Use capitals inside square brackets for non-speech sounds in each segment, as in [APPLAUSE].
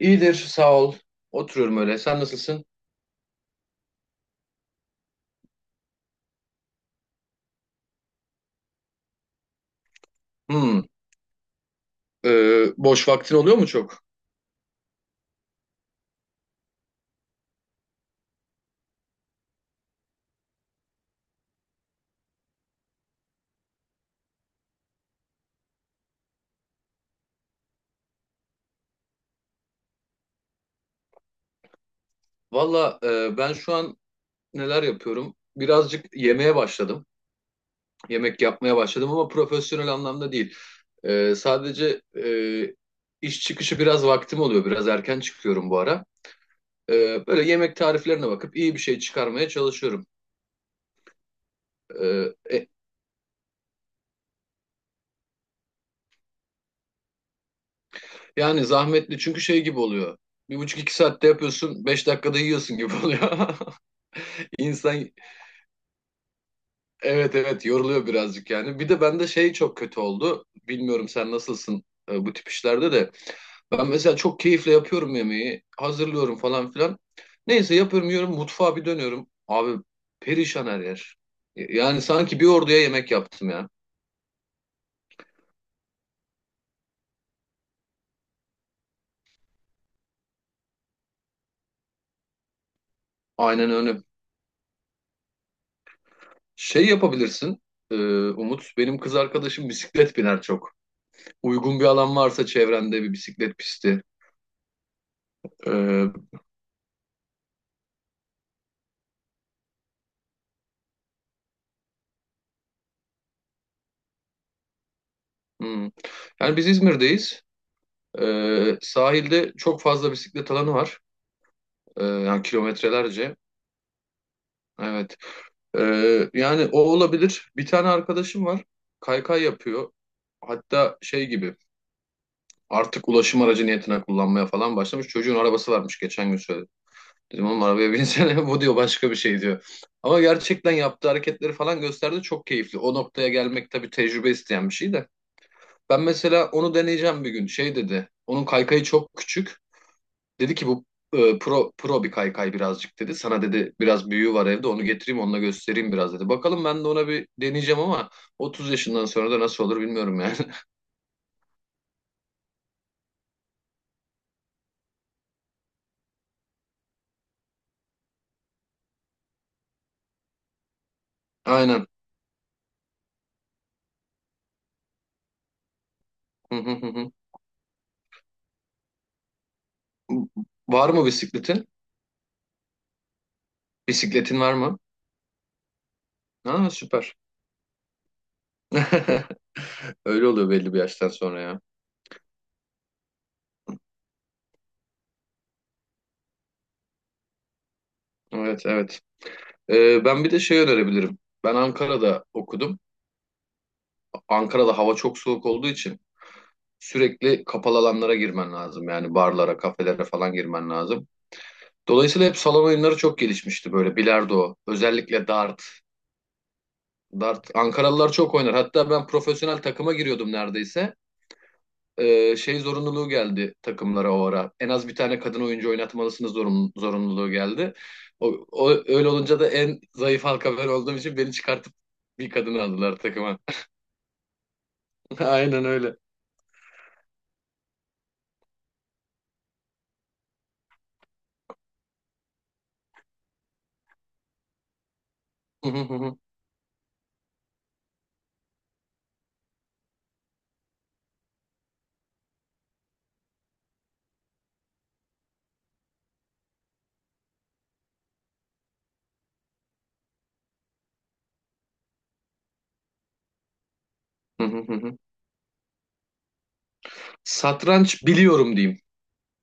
İyidir, sağ ol. Oturuyorum öyle. Sen nasılsın? Hmm, boş vaktin oluyor mu çok? Valla, ben şu an neler yapıyorum? Birazcık yemeye başladım. Yemek yapmaya başladım ama profesyonel anlamda değil. Sadece iş çıkışı biraz vaktim oluyor. Biraz erken çıkıyorum bu ara. Böyle yemek tariflerine bakıp iyi bir şey çıkarmaya çalışıyorum. E, e, yani zahmetli çünkü şey gibi oluyor. Bir buçuk iki saatte yapıyorsun, beş dakikada yiyorsun gibi oluyor. [LAUGHS] İnsan evet evet, yoruluyor birazcık yani. Bir de bende şey çok kötü oldu. Bilmiyorum sen nasılsın bu tip işlerde de. Ben mesela çok keyifle yapıyorum yemeği. Hazırlıyorum falan filan. Neyse, yapıyorum, yiyorum, mutfağa bir dönüyorum. Abi, perişan her yer. Yani sanki bir orduya yemek yaptım ya. Aynen öyle. Şey yapabilirsin, e, Umut. Benim kız arkadaşım bisiklet biner çok. Uygun bir alan varsa çevrende bir bisiklet pisti. E, hmm. Yani biz İzmir'deyiz. Sahilde çok fazla bisiklet alanı var. Yani kilometrelerce. Evet. Yani o olabilir. Bir tane arkadaşım var. Kaykay yapıyor. Hatta şey gibi, artık ulaşım aracı niyetine kullanmaya falan başlamış. Çocuğun arabası varmış, geçen gün söyledi. Dedim oğlum arabaya binsene, [LAUGHS] bu diyor başka bir şey diyor. Ama gerçekten yaptığı hareketleri falan gösterdi, çok keyifli. O noktaya gelmek tabii tecrübe isteyen bir şey de. Ben mesela onu deneyeceğim bir gün. Şey dedi, onun kaykayı çok küçük. Dedi ki bu pro bir kaykay birazcık dedi. Sana dedi biraz büyüğü var evde, onu getireyim, onunla göstereyim biraz dedi. Bakalım ben de ona bir deneyeceğim ama 30 yaşından sonra da nasıl olur bilmiyorum yani. [LAUGHS] Aynen. Hı hı, hı hı. Var mı bisikletin? Bisikletin var mı? Ha, süper. [LAUGHS] Öyle oluyor belli bir yaştan sonra ya. Evet evet. Ben bir de şey önerebilirim. Ben Ankara'da okudum. Ankara'da hava çok soğuk olduğu için sürekli kapalı alanlara girmen lazım. Yani barlara, kafelere falan girmen lazım. Dolayısıyla hep salon oyunları çok gelişmişti, böyle bilardo, özellikle dart. Dart Ankaralılar çok oynar. Hatta ben profesyonel takıma giriyordum neredeyse. Şey zorunluluğu geldi takımlara o ara. En az bir tane kadın oyuncu oynatmalısınız zorunluluğu geldi. O, öyle olunca da en zayıf halka ben olduğum için beni çıkartıp bir kadın aldılar takıma. [LAUGHS] Aynen öyle. [LAUGHS] Satranç biliyorum diyeyim.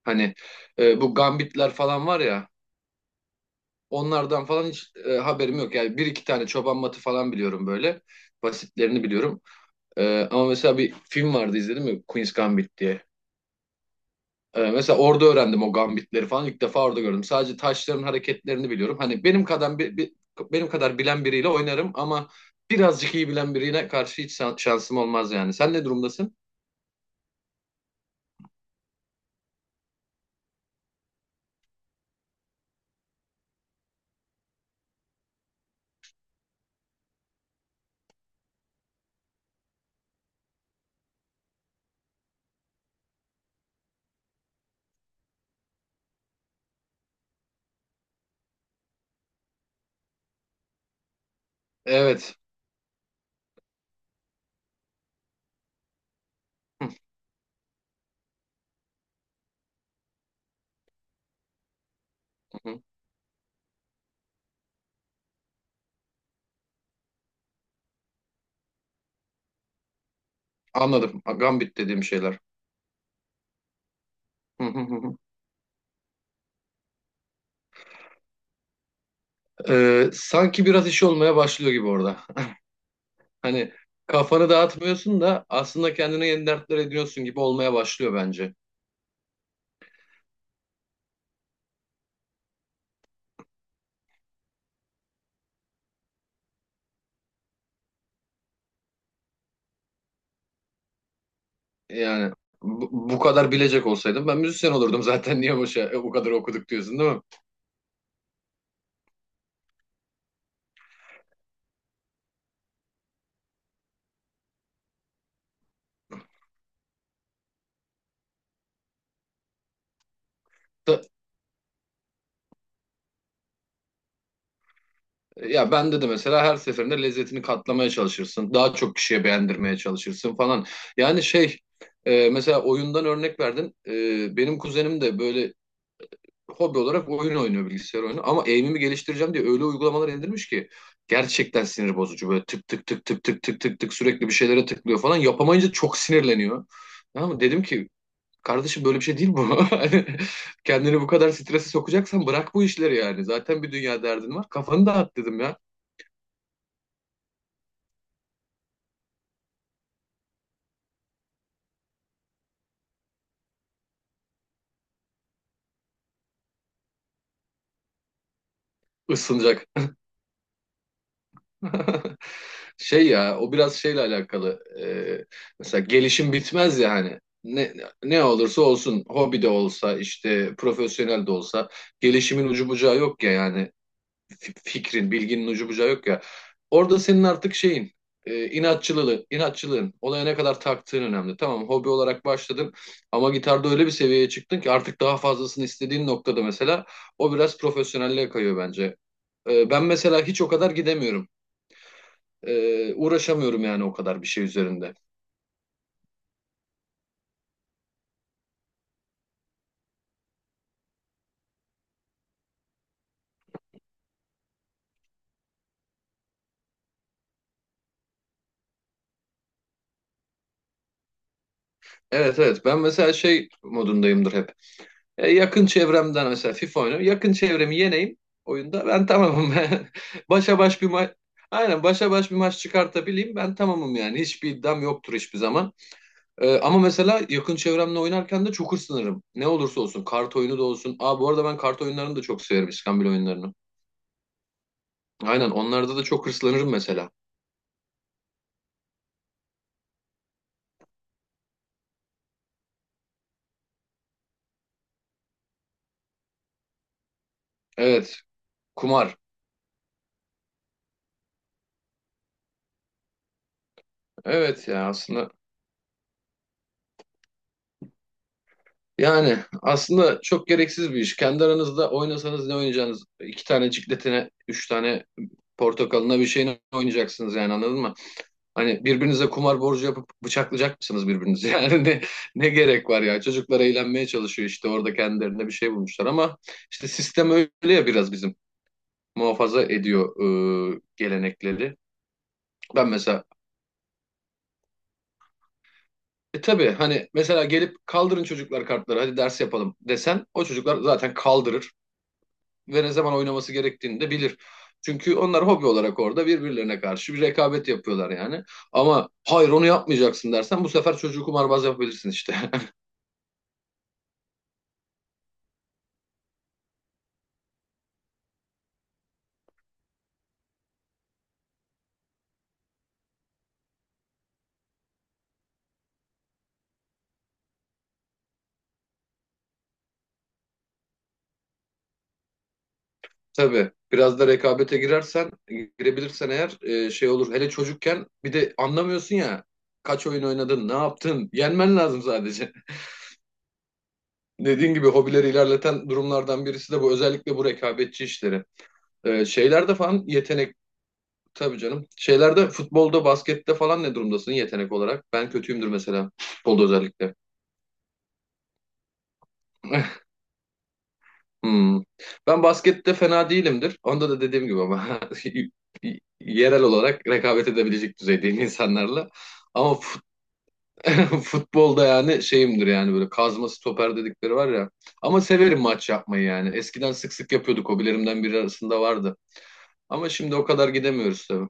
Hani bu gambitler falan var ya. Onlardan falan hiç haberim yok. Yani bir iki tane çoban matı falan biliyorum böyle. Basitlerini biliyorum. Ama mesela bir film vardı izledim ya, Queen's Gambit diye. Mesela orada öğrendim o gambitleri falan. İlk defa orada gördüm. Sadece taşların hareketlerini biliyorum. Hani benim kadar bilen biriyle oynarım ama birazcık iyi bilen birine karşı hiç şansım olmaz yani. Sen ne durumdasın? Evet. [LAUGHS] Hı hı, hı. Anladım. Gambit dediğim şeyler. [LAUGHS] Sanki biraz iş olmaya başlıyor gibi orada. Hani kafanı dağıtmıyorsun da aslında kendine yeni dertler ediyorsun gibi olmaya başlıyor bence. Yani bu kadar bilecek olsaydım ben müzisyen olurdum zaten, [LAUGHS] niye boşa bu kadar okuduk diyorsun değil mi? Da- ya bende de mesela her seferinde lezzetini katlamaya çalışırsın. Daha çok kişiye beğendirmeye çalışırsın falan. Yani şey, mesela oyundan örnek verdin. Benim kuzenim de böyle hobi olarak oyun oynuyor, bilgisayar oyunu. Ama aim'imi geliştireceğim diye öyle uygulamalar indirmiş ki gerçekten sinir bozucu. Böyle tık tık tık tık tık tık tık tık sürekli bir şeylere tıklıyor falan. Yapamayınca çok sinirleniyor. Tamam mı? Dedim ki kardeşim, böyle bir şey değil bu. [LAUGHS] Hani kendini bu kadar strese sokacaksan bırak bu işleri yani. Zaten bir dünya derdin var. Kafanı dağıt dedim ya. Isınacak. [LAUGHS] Şey ya, o biraz şeyle alakalı. Mesela gelişim bitmez ya hani. Ne olursa olsun hobi de olsa işte profesyonel de olsa gelişimin ucu bucağı yok ya yani. Fikrin, bilginin ucu bucağı yok ya. Orada senin artık şeyin, inatçılığın, olaya ne kadar taktığın önemli. Tamam, hobi olarak başladın ama gitarda öyle bir seviyeye çıktın ki artık daha fazlasını istediğin noktada mesela o biraz profesyonelliğe kayıyor bence. Ben mesela hiç o kadar gidemiyorum. Uğraşamıyorum yani o kadar bir şey üzerinde. Evet evet, ben mesela şey modundayımdır hep. Yakın çevremden mesela FIFA oynuyorum. Yakın çevremi yeneyim oyunda, ben tamamım. [LAUGHS] Ben başa baş bir maç, aynen, başa baş bir maç çıkartabileyim ben tamamım yani. Hiçbir iddiam yoktur hiçbir zaman. Ama mesela yakın çevremle oynarken de çok hırslanırım. Ne olursa olsun, kart oyunu da olsun. Aa, bu arada ben kart oyunlarını da çok severim, iskambil oyunlarını. Aynen, onlarda da çok hırslanırım mesela. Evet, kumar. Evet ya, aslında yani aslında çok gereksiz bir iş. Kendi aranızda oynasanız ne oynayacaksınız? İki tane cikletine, üç tane portakalına, bir şeyine oynayacaksınız yani, anladın mı? Hani birbirinize kumar borcu yapıp bıçaklayacak mısınız birbirinizi? [LAUGHS] Yani ne gerek var ya? Çocuklar eğlenmeye çalışıyor işte, orada kendilerine bir şey bulmuşlar ama işte sistem öyle ya, biraz bizim muhafaza ediyor gelenekleri. Ben mesela e, tabii hani mesela gelip kaldırın çocuklar kartları, hadi ders yapalım desen, o çocuklar zaten kaldırır ve ne zaman oynaması gerektiğini de bilir. Çünkü onlar hobi olarak orada birbirlerine karşı bir rekabet yapıyorlar yani. Ama hayır, onu yapmayacaksın dersen bu sefer çocuğu kumarbaz yapabilirsin işte. [LAUGHS] Tabii biraz da rekabete girebilirsen eğer şey olur. Hele çocukken bir de anlamıyorsun ya. Kaç oyun oynadın, ne yaptın? Yenmen lazım sadece. [LAUGHS] Dediğin gibi hobileri ilerleten durumlardan birisi de bu. Özellikle bu rekabetçi işleri. Şeylerde falan yetenek. Tabii canım. Şeylerde, futbolda, baskette falan ne durumdasın yetenek olarak? Ben kötüyümdür mesela. Futbolda özellikle. [LAUGHS] Hmm. Ben baskette fena değilimdir. Onda da dediğim gibi ama [LAUGHS] yerel olarak rekabet edebilecek düzeydeyim insanlarla. Ama [LAUGHS] futbolda yani şeyimdir yani, böyle kazma stoper dedikleri var ya. Ama severim maç yapmayı yani. Eskiden sık sık yapıyorduk. Hobilerimden biri arasında vardı. Ama şimdi o kadar gidemiyoruz tabii.